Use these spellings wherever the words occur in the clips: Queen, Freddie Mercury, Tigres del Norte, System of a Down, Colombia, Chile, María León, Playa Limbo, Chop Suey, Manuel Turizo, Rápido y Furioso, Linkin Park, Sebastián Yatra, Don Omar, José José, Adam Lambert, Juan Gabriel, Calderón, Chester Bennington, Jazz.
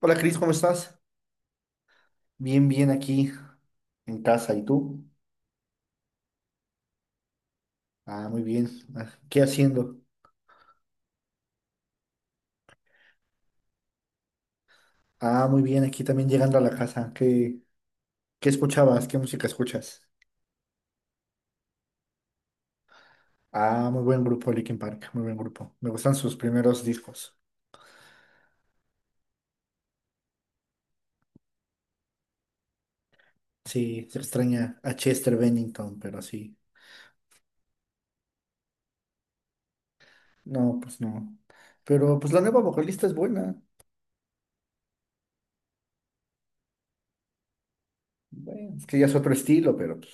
Hola Cris, ¿cómo estás? Bien, bien aquí en casa. ¿Y tú? Ah, muy bien. Ah, ¿qué haciendo? Ah, muy bien, aquí también llegando a la casa. ¿Qué escuchabas? ¿Qué música escuchas? Ah, muy buen grupo, Linkin Park, muy buen grupo. Me gustan sus primeros discos. Sí, se extraña a Chester Bennington, pero sí. No, pues no. Pero pues la nueva vocalista es buena. Bueno, es que ya es otro estilo, pero pues,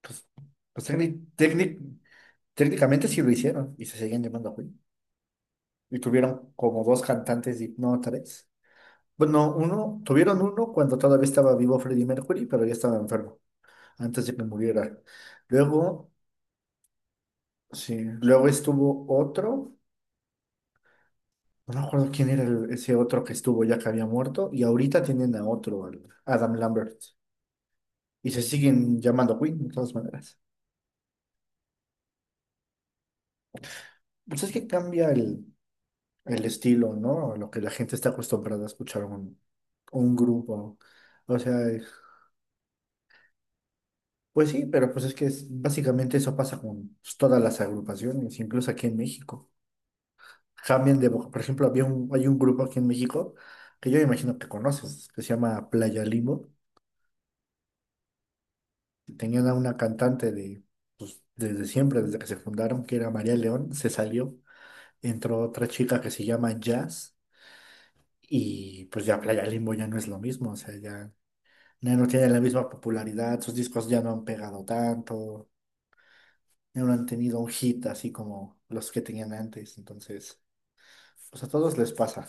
pues, pues técnicamente sí lo hicieron y se seguían llamando a Y tuvieron como dos cantantes, no, tres. Bueno, uno, tuvieron uno cuando todavía estaba vivo Freddie Mercury, pero ya estaba enfermo, antes de que muriera. Luego, sí, luego estuvo otro, no me acuerdo quién era ese otro que estuvo ya que había muerto, y ahorita tienen a otro, al Adam Lambert, y se siguen llamando Queen, de todas maneras. Pues es que cambia el estilo, ¿no? A lo que la gente está acostumbrada a escuchar un grupo. O sea, pues sí, pero pues es que básicamente eso pasa con pues, todas las agrupaciones, incluso aquí en México. Cambian de voz. Por ejemplo, hay un grupo aquí en México que yo imagino que conoces, que se llama Playa Limbo. Tenían a una cantante de, pues, desde siempre, desde que se fundaron, que era María León, se salió, entró otra chica que se llama Jazz, y pues ya Playa Limbo ya no es lo mismo, o sea, ya, ya no tiene la misma popularidad, sus discos ya no han pegado tanto, ya no han tenido un hit así como los que tenían antes. Entonces, pues a todos les pasa.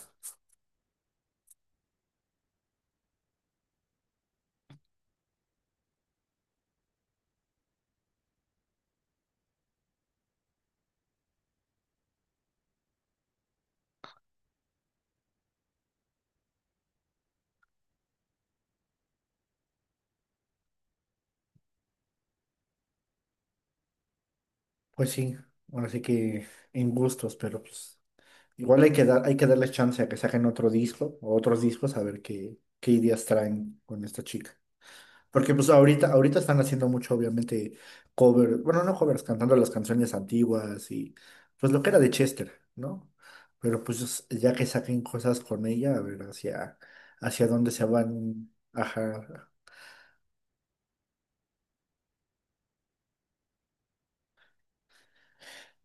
Pues sí, ahora sí que en gustos, pero pues igual hay que dar, hay que darles chance a que saquen otro disco o otros discos a ver qué, qué ideas traen con esta chica. Porque pues ahorita, ahorita están haciendo mucho, obviamente, cover, bueno, no covers, cantando las canciones antiguas y pues lo que era de Chester, ¿no? Pero pues ya que saquen cosas con ella, a ver hacia, hacia dónde se van, ajá.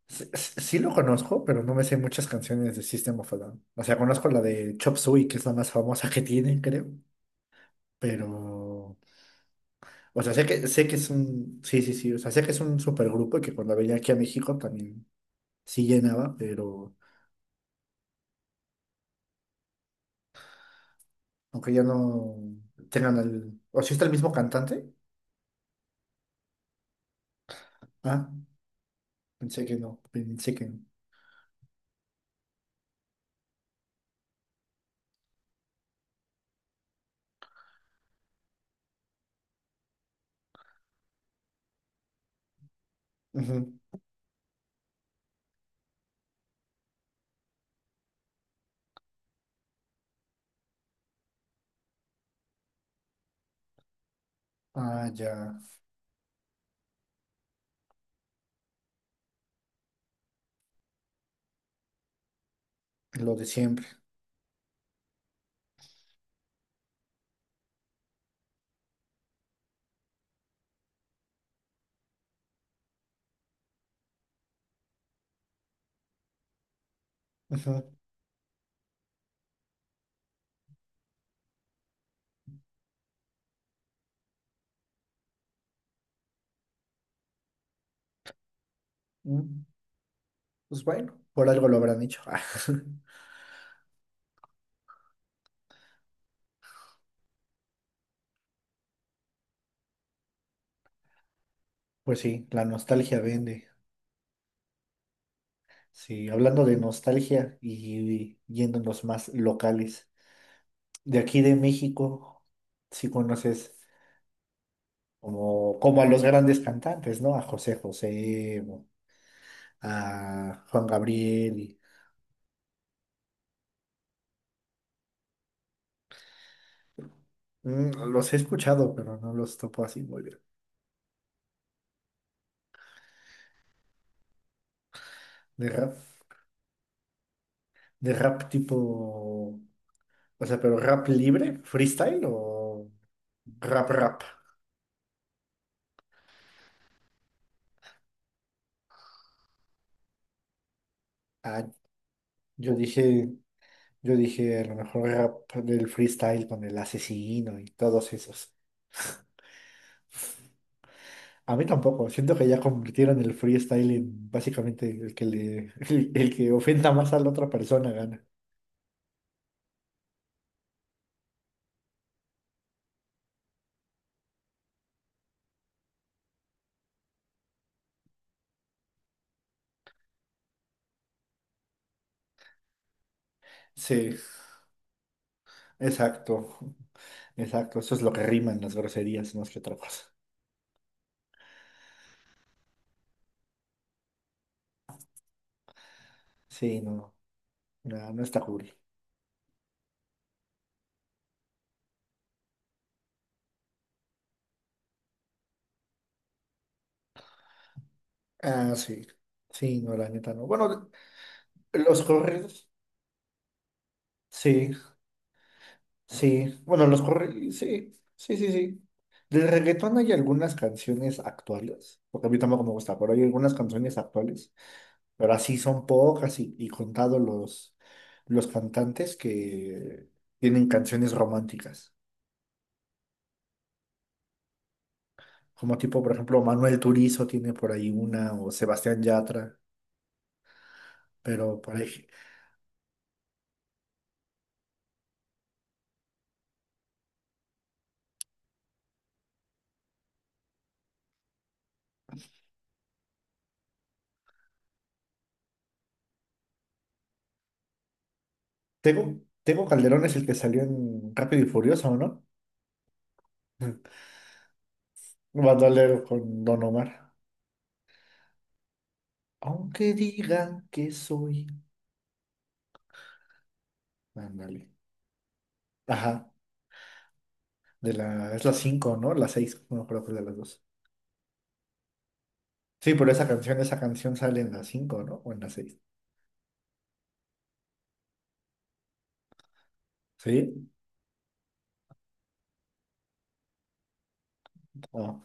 Sí, sí lo conozco, pero no me sé muchas canciones de System of a Down. O sea, conozco la de Chop Suey, que es la más famosa que tienen, creo. Pero, o sea, sé que es un, sí, sí, sí, o sea, sé que es un supergrupo y que cuando venía aquí a México también sí llenaba, pero aunque ya no tengan el, o si está el mismo cantante. Ah, pensé que no, pensé que no. Ujú. Ah, ya, lo de siempre. Ujú. Mm, pues bueno, por algo lo habrán hecho. Pues sí, la nostalgia vende. Sí, hablando de nostalgia y yéndonos más locales, de aquí de México, si conoces como, como a los grandes cantantes, ¿no? A José José, a Juan Gabriel, y- mm, los he escuchado, pero no los topo así muy bien. De rap, de rap tipo, o sea, pero rap libre, ¿freestyle o rap rap? Ah, yo dije, yo dije a lo mejor rap del freestyle con el asesino y todos esos. A mí tampoco. Siento que ya convirtieron el freestyle en básicamente el que le, el que ofenda más a la otra persona gana. Sí, exacto. Exacto. Eso es lo que riman las groserías más que otra cosa. Sí, no. No, no está cool. Ah, sí. Sí, no, la neta no. Bueno, los corridos. Sí, sí. Bueno, los corridos. Sí, sí, sí, sí. Del reggaetón hay algunas canciones actuales, porque a mí tampoco me gusta, pero hay algunas canciones actuales pero así son pocas y contados los cantantes que tienen canciones románticas. Como tipo, por ejemplo, Manuel Turizo tiene por ahí una, o Sebastián Yatra, pero por ahí... Tengo, Tengo Calderón es el que salió en Rápido y Furioso, ¿no? Bandolero con Don Omar. Aunque digan que soy... Ándale. Ajá, de la... Es la cinco, ¿no? La seis no creo, que es de las dos. Sí, pero esa canción sale en la cinco, ¿no? O en la seis. ¿Sí? Ah.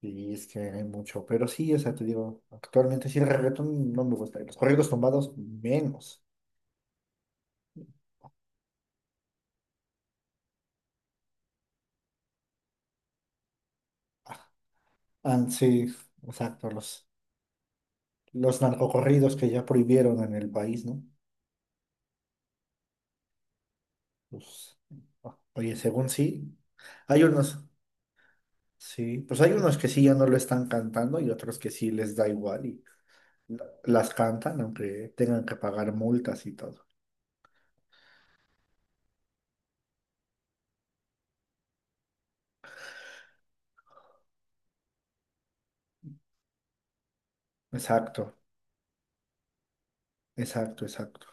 Y es que hay mucho, pero sí, o sea, te digo, actualmente sí el reggaetón no me gusta, y los corridos tumbados menos. Ah, ah, sí, exacto, los narcocorridos que ya prohibieron en el país, ¿no? Pues, ah, oye, según sí, hay unos, sí, pues hay unos que sí ya no lo están cantando y otros que sí les da igual y las cantan, aunque tengan que pagar multas y todo. Exacto, exacto, exacto,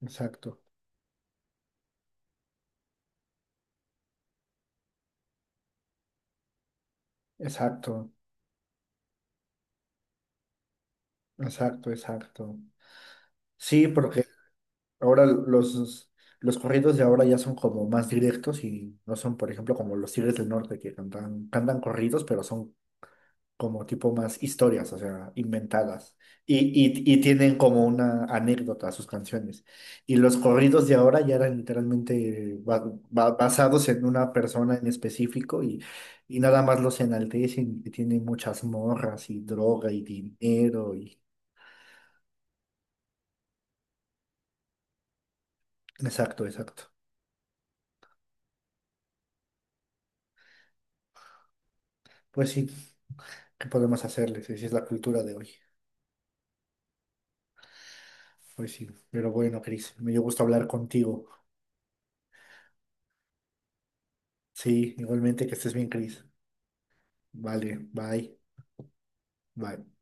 exacto, exacto, exacto, exacto. Sí, porque ahora los corridos de ahora ya son como más directos y no son, por ejemplo, como los Tigres del Norte que cantan, cantan corridos, pero son como tipo más historias, o sea, inventadas. Y, y tienen como una anécdota a sus canciones. Y los corridos de ahora ya eran literalmente basados en una persona en específico y nada más los enaltecen y tienen muchas morras y droga y dinero y... Exacto, exacto. Pues sí, ¿qué podemos hacerles? Esa es la cultura de hoy. Pues sí, pero bueno, Cris, me dio gusto hablar contigo. Sí, igualmente que estés bien, Cris. Vale, bye, bye.